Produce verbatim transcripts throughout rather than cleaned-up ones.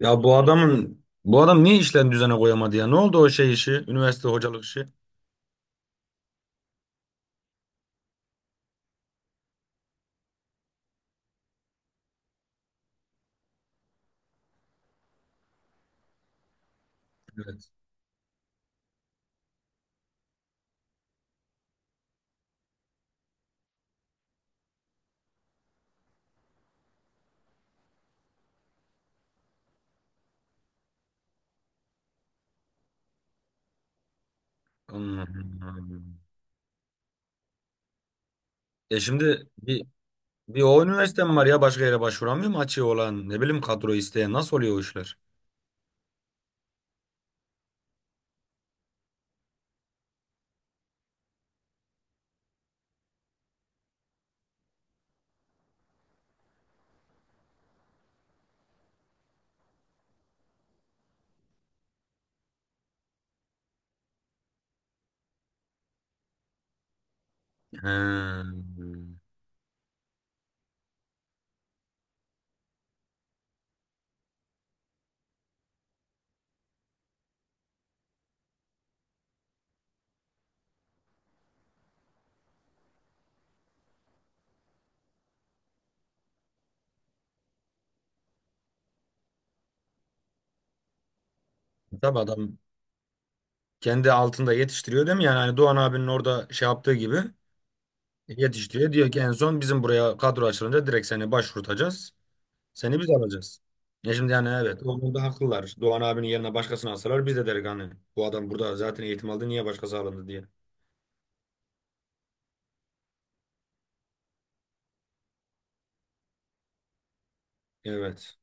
Ya bu adamın bu adam niye işlerini düzene koyamadı ya? Ne oldu o şey işi? Üniversite hocalık işi. Evet. Allah'ım. E şimdi bir, bir o üniversite mi var ya başka yere başvuramıyor mu açığı olan ne bileyim kadro isteyen nasıl oluyor o işler? He. Tabii adam kendi altında yetiştiriyor değil mi? Yani hani Doğan abinin orada şey yaptığı gibi yetiştiriyor. Diyor ki en son bizim buraya kadro açılınca direkt seni başvurtacağız. Seni biz alacağız. Ya şimdi yani evet o konuda haklılar. Doğan abinin yerine başkasını alsalar biz de deriz hani bu adam burada zaten eğitim aldı niye başkası alındı diye. Evet.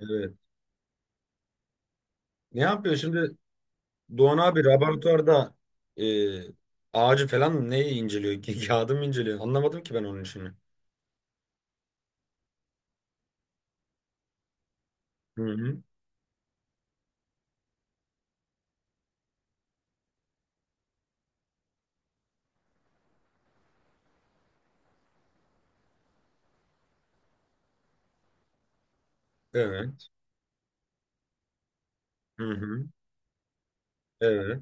Evet. Ne yapıyor şimdi Doğan abi laboratuvarda e, ağacı falan neyi inceliyor? Ki- Kağıdı mı inceliyor? Anlamadım ki ben onun işini. Hı hı. Evet. Hı hı. Evet.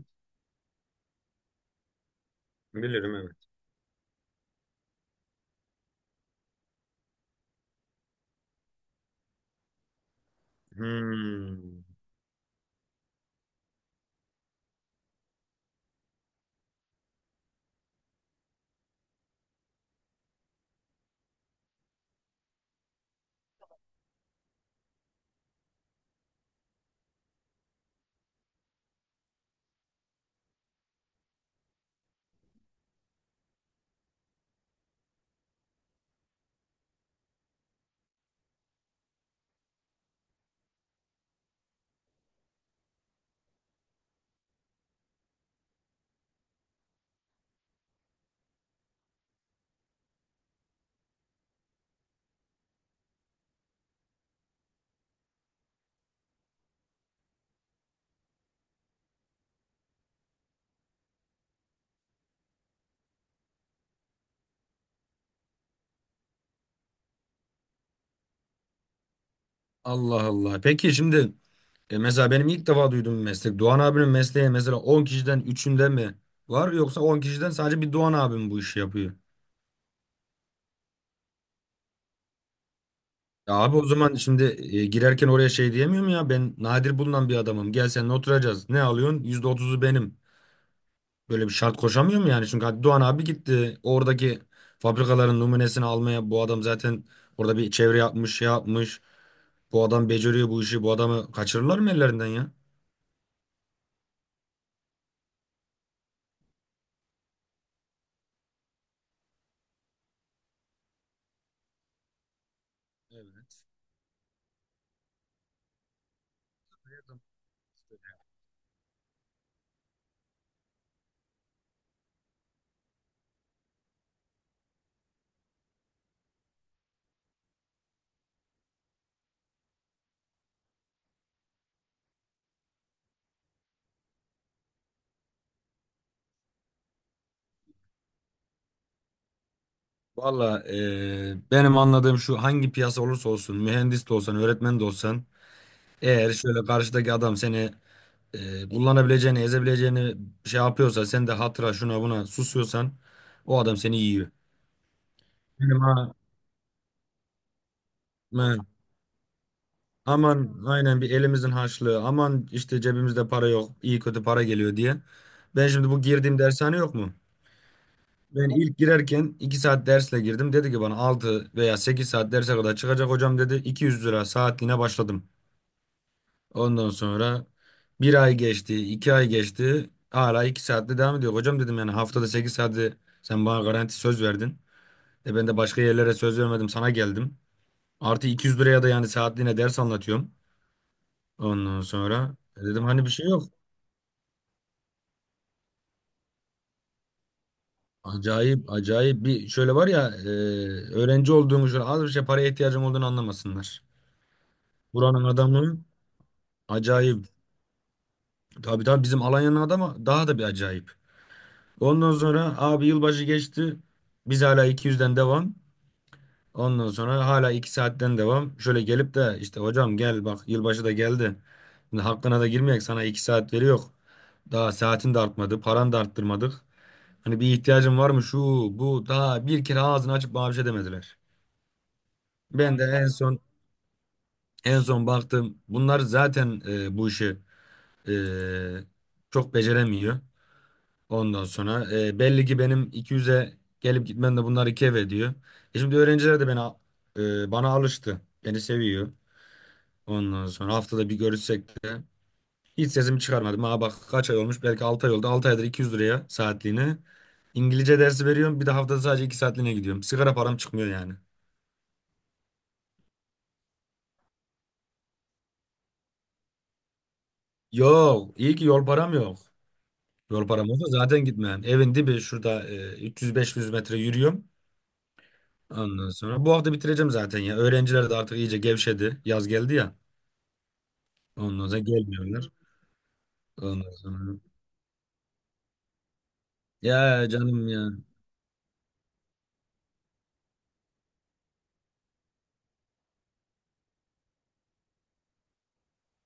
Bilirim evet. Hmm. Allah Allah. Peki şimdi E mesela benim ilk defa duyduğum bir meslek. Doğan abinin mesleği mesela on kişiden üçünde mi var yoksa on kişiden sadece bir Doğan abim bu işi yapıyor? Ya abi o zaman şimdi e, girerken oraya şey diyemiyorum ya ben nadir bulunan bir adamım. Gel seninle oturacağız. Ne alıyorsun? yüzde otuzu benim. Böyle bir şart koşamıyorum yani. Çünkü hadi Doğan abi gitti. Oradaki fabrikaların numunesini almaya bu adam zaten orada bir çevre yapmış, şey yapmış. Bu adam beceriyor bu işi. Bu adamı kaçırırlar mı ellerinden ya? Evet. Valla eee, benim anladığım şu hangi piyasa olursa olsun mühendis de olsan öğretmen de olsan eğer şöyle karşıdaki adam seni eee, kullanabileceğini ezebileceğini şey yapıyorsa sen de hatıra şuna buna susuyorsan o adam seni yiyor. Benim ha, ha, aman aynen bir elimizin harçlığı aman işte cebimizde para yok iyi kötü para geliyor diye. Ben şimdi bu girdiğim dershane yok mu? Ben ilk girerken iki saat dersle girdim. Dedi ki bana altı veya sekiz saat derse kadar çıkacak hocam dedi. iki yüz lira saatliğine başladım. Ondan sonra bir ay geçti, iki ay geçti. Hala iki saatte devam ediyor. Hocam dedim yani haftada sekiz saati sen bana garanti söz verdin. E ben de başka yerlere söz vermedim sana geldim. Artı iki yüz liraya da yani saatliğine ders anlatıyorum. Ondan sonra e dedim hani bir şey yok. Acayip acayip bir şöyle var ya e, öğrenci olduğumu şöyle az bir şey paraya ihtiyacım olduğunu anlamasınlar. Buranın adamı acayip. Tabii tabii bizim Alanya'nın adamı daha da bir acayip. Ondan sonra abi yılbaşı geçti. Biz hala iki yüzden devam. Ondan sonra hala iki saatten devam. Şöyle gelip de işte hocam gel bak yılbaşı da geldi. Şimdi hakkına da girmeyek sana iki saat veriyor. Daha saatin de artmadı. Paran da arttırmadık. Hani bir ihtiyacın var mı şu bu daha bir kere ağzını açıp bana bir şey demediler. Ben de en son en son baktım. Bunlar zaten e, bu işi e, çok beceremiyor. Ondan sonra e, belli ki benim iki yüze gelip gitmem de bunlar iki ev ediyor. E şimdi öğrenciler de beni a- e, bana alıştı. Beni seviyor. Ondan sonra haftada bir görüşsek de hiç sesimi çıkarmadım. Ha bak kaç ay olmuş belki altı ay oldu. altı aydır iki yüz liraya saatliğine. İngilizce dersi veriyorum. Bir de haftada sadece iki saatliğine gidiyorum. Sigara param çıkmıyor yani. Yok iyi ki yol param yok. Yol param olsa zaten gitmem. Evin dibi şurada e, üç yüz beş yüz metre yürüyorum. Ondan sonra bu hafta bitireceğim zaten ya. Öğrenciler de artık iyice gevşedi. Yaz geldi ya. Ondan sonra gelmiyorlar. Ondan sonra. Ya canım ya.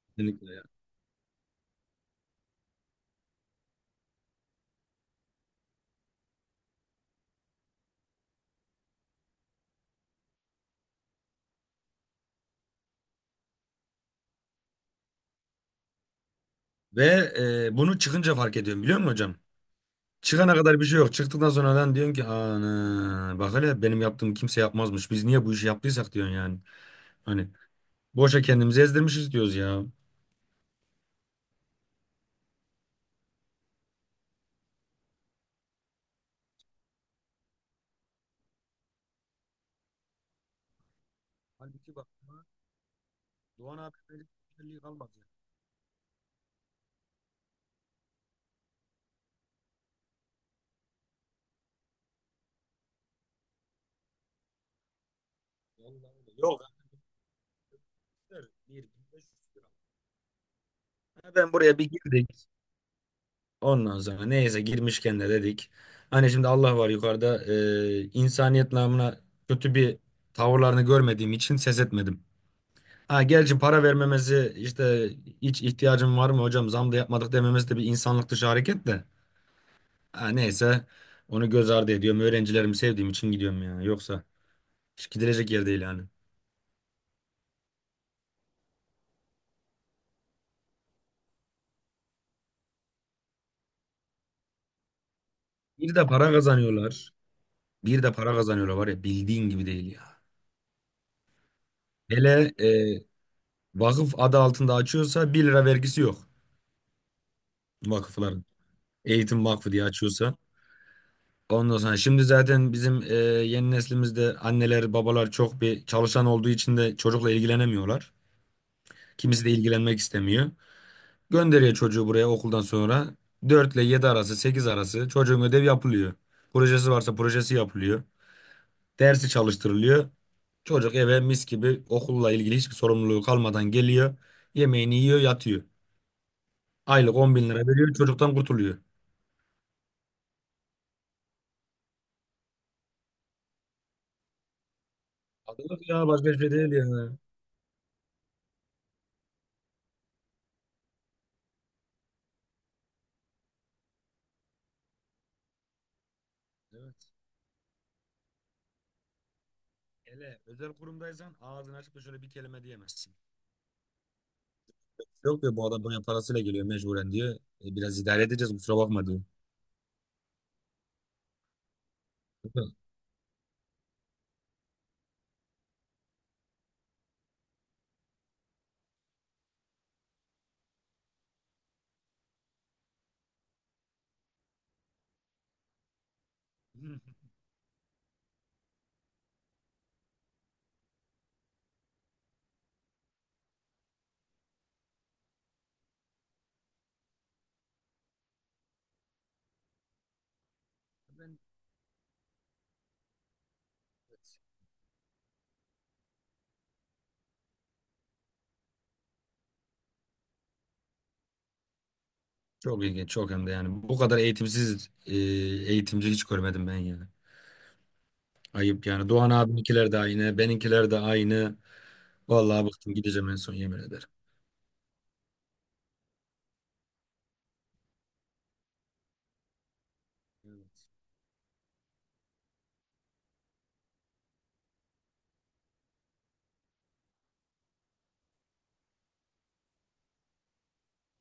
Kesinlikle ya. Ve e, bunu çıkınca fark ediyorum biliyor musun hocam? Çıkana kadar bir şey yok. Çıktıktan sonra lan diyorsun ki ana bak hele benim yaptığım kimse yapmazmış. Biz niye bu işi yaptıysak diyorsun yani. Hani boşa kendimizi ezdirmişiz diyoruz ya. Halbuki bak Doğan abi böyle bir güzelliği kalmadı ya. Vallahi öyle. Yok ya. Evet. Ben buraya bir girdik. Ondan sonra neyse girmişken de dedik. Hani şimdi Allah var yukarıda eee, insaniyet namına kötü bir tavırlarını görmediğim için ses etmedim. Ha gerçi para vermemesi işte hiç ihtiyacım var mı hocam zam da yapmadık dememesi de bir insanlık dışı hareket de. Ha neyse onu göz ardı ediyorum. Öğrencilerimi sevdiğim için gidiyorum ya. Yoksa hiç gidilecek yer değil yani. Bir de para kazanıyorlar. Bir de para kazanıyorlar var ya bildiğin gibi değil ya. Hele eee, vakıf adı altında açıyorsa bir lira vergisi yok vakıfların. Eğitim Vakfı diye açıyorsa. Ondan sonra şimdi zaten bizim e, yeni neslimizde anneler babalar çok bir çalışan olduğu için de çocukla ilgilenemiyorlar. Kimisi de ilgilenmek istemiyor. Gönderiyor çocuğu buraya okuldan sonra dört ile yedi arası sekiz arası çocuğun ödev yapılıyor. Projesi varsa projesi yapılıyor. Dersi çalıştırılıyor. Çocuk eve mis gibi okulla ilgili hiçbir sorumluluğu kalmadan geliyor. Yemeğini yiyor yatıyor. Aylık on bin lira veriyor çocuktan kurtuluyor. Adılık ya başka bir şey değil yani. Hele özel kurumdaysan ağzını açıp da şöyle bir kelime diyemezsin. Yok diyor bu adam bana parasıyla geliyor mecburen diyor. E, biraz idare edeceğiz kusura bakma diyor. Hı. Çok ilginç çok hem de yani. Bu kadar eğitimsiz e, eğitimci hiç görmedim ben yani. Ayıp yani. Doğan abiminkiler de aynı. Beninkiler de aynı. Vallahi bıktım gideceğim en son yemin ederim. Evet.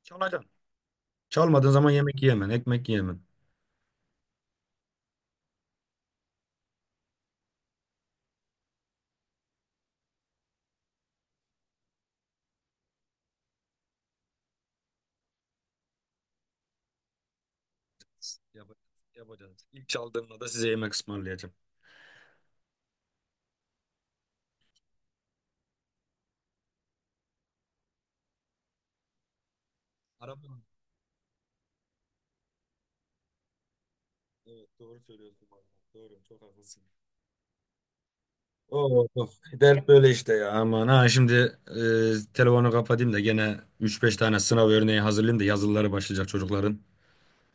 Çalacağım. Çalmadığın zaman yemek yiyemem, ekmek yiyemem. Yapacağız. Yapacağız. İlk çaldığımda da size yemek ısmarlayacağım. Araba. Evet doğru söylüyorsun. bu Doğru çok haklısın. Oo, of. Dert böyle işte ya aman ha şimdi e, telefonu kapatayım da gene üç beş tane sınav örneği hazırlayayım da yazılıları başlayacak çocukların.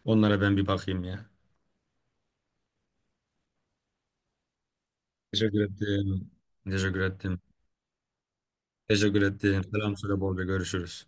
Onlara ben bir bakayım ya. Teşekkür ettim. Teşekkür ettim. Teşekkür ettim. Selam söyle bolca görüşürüz.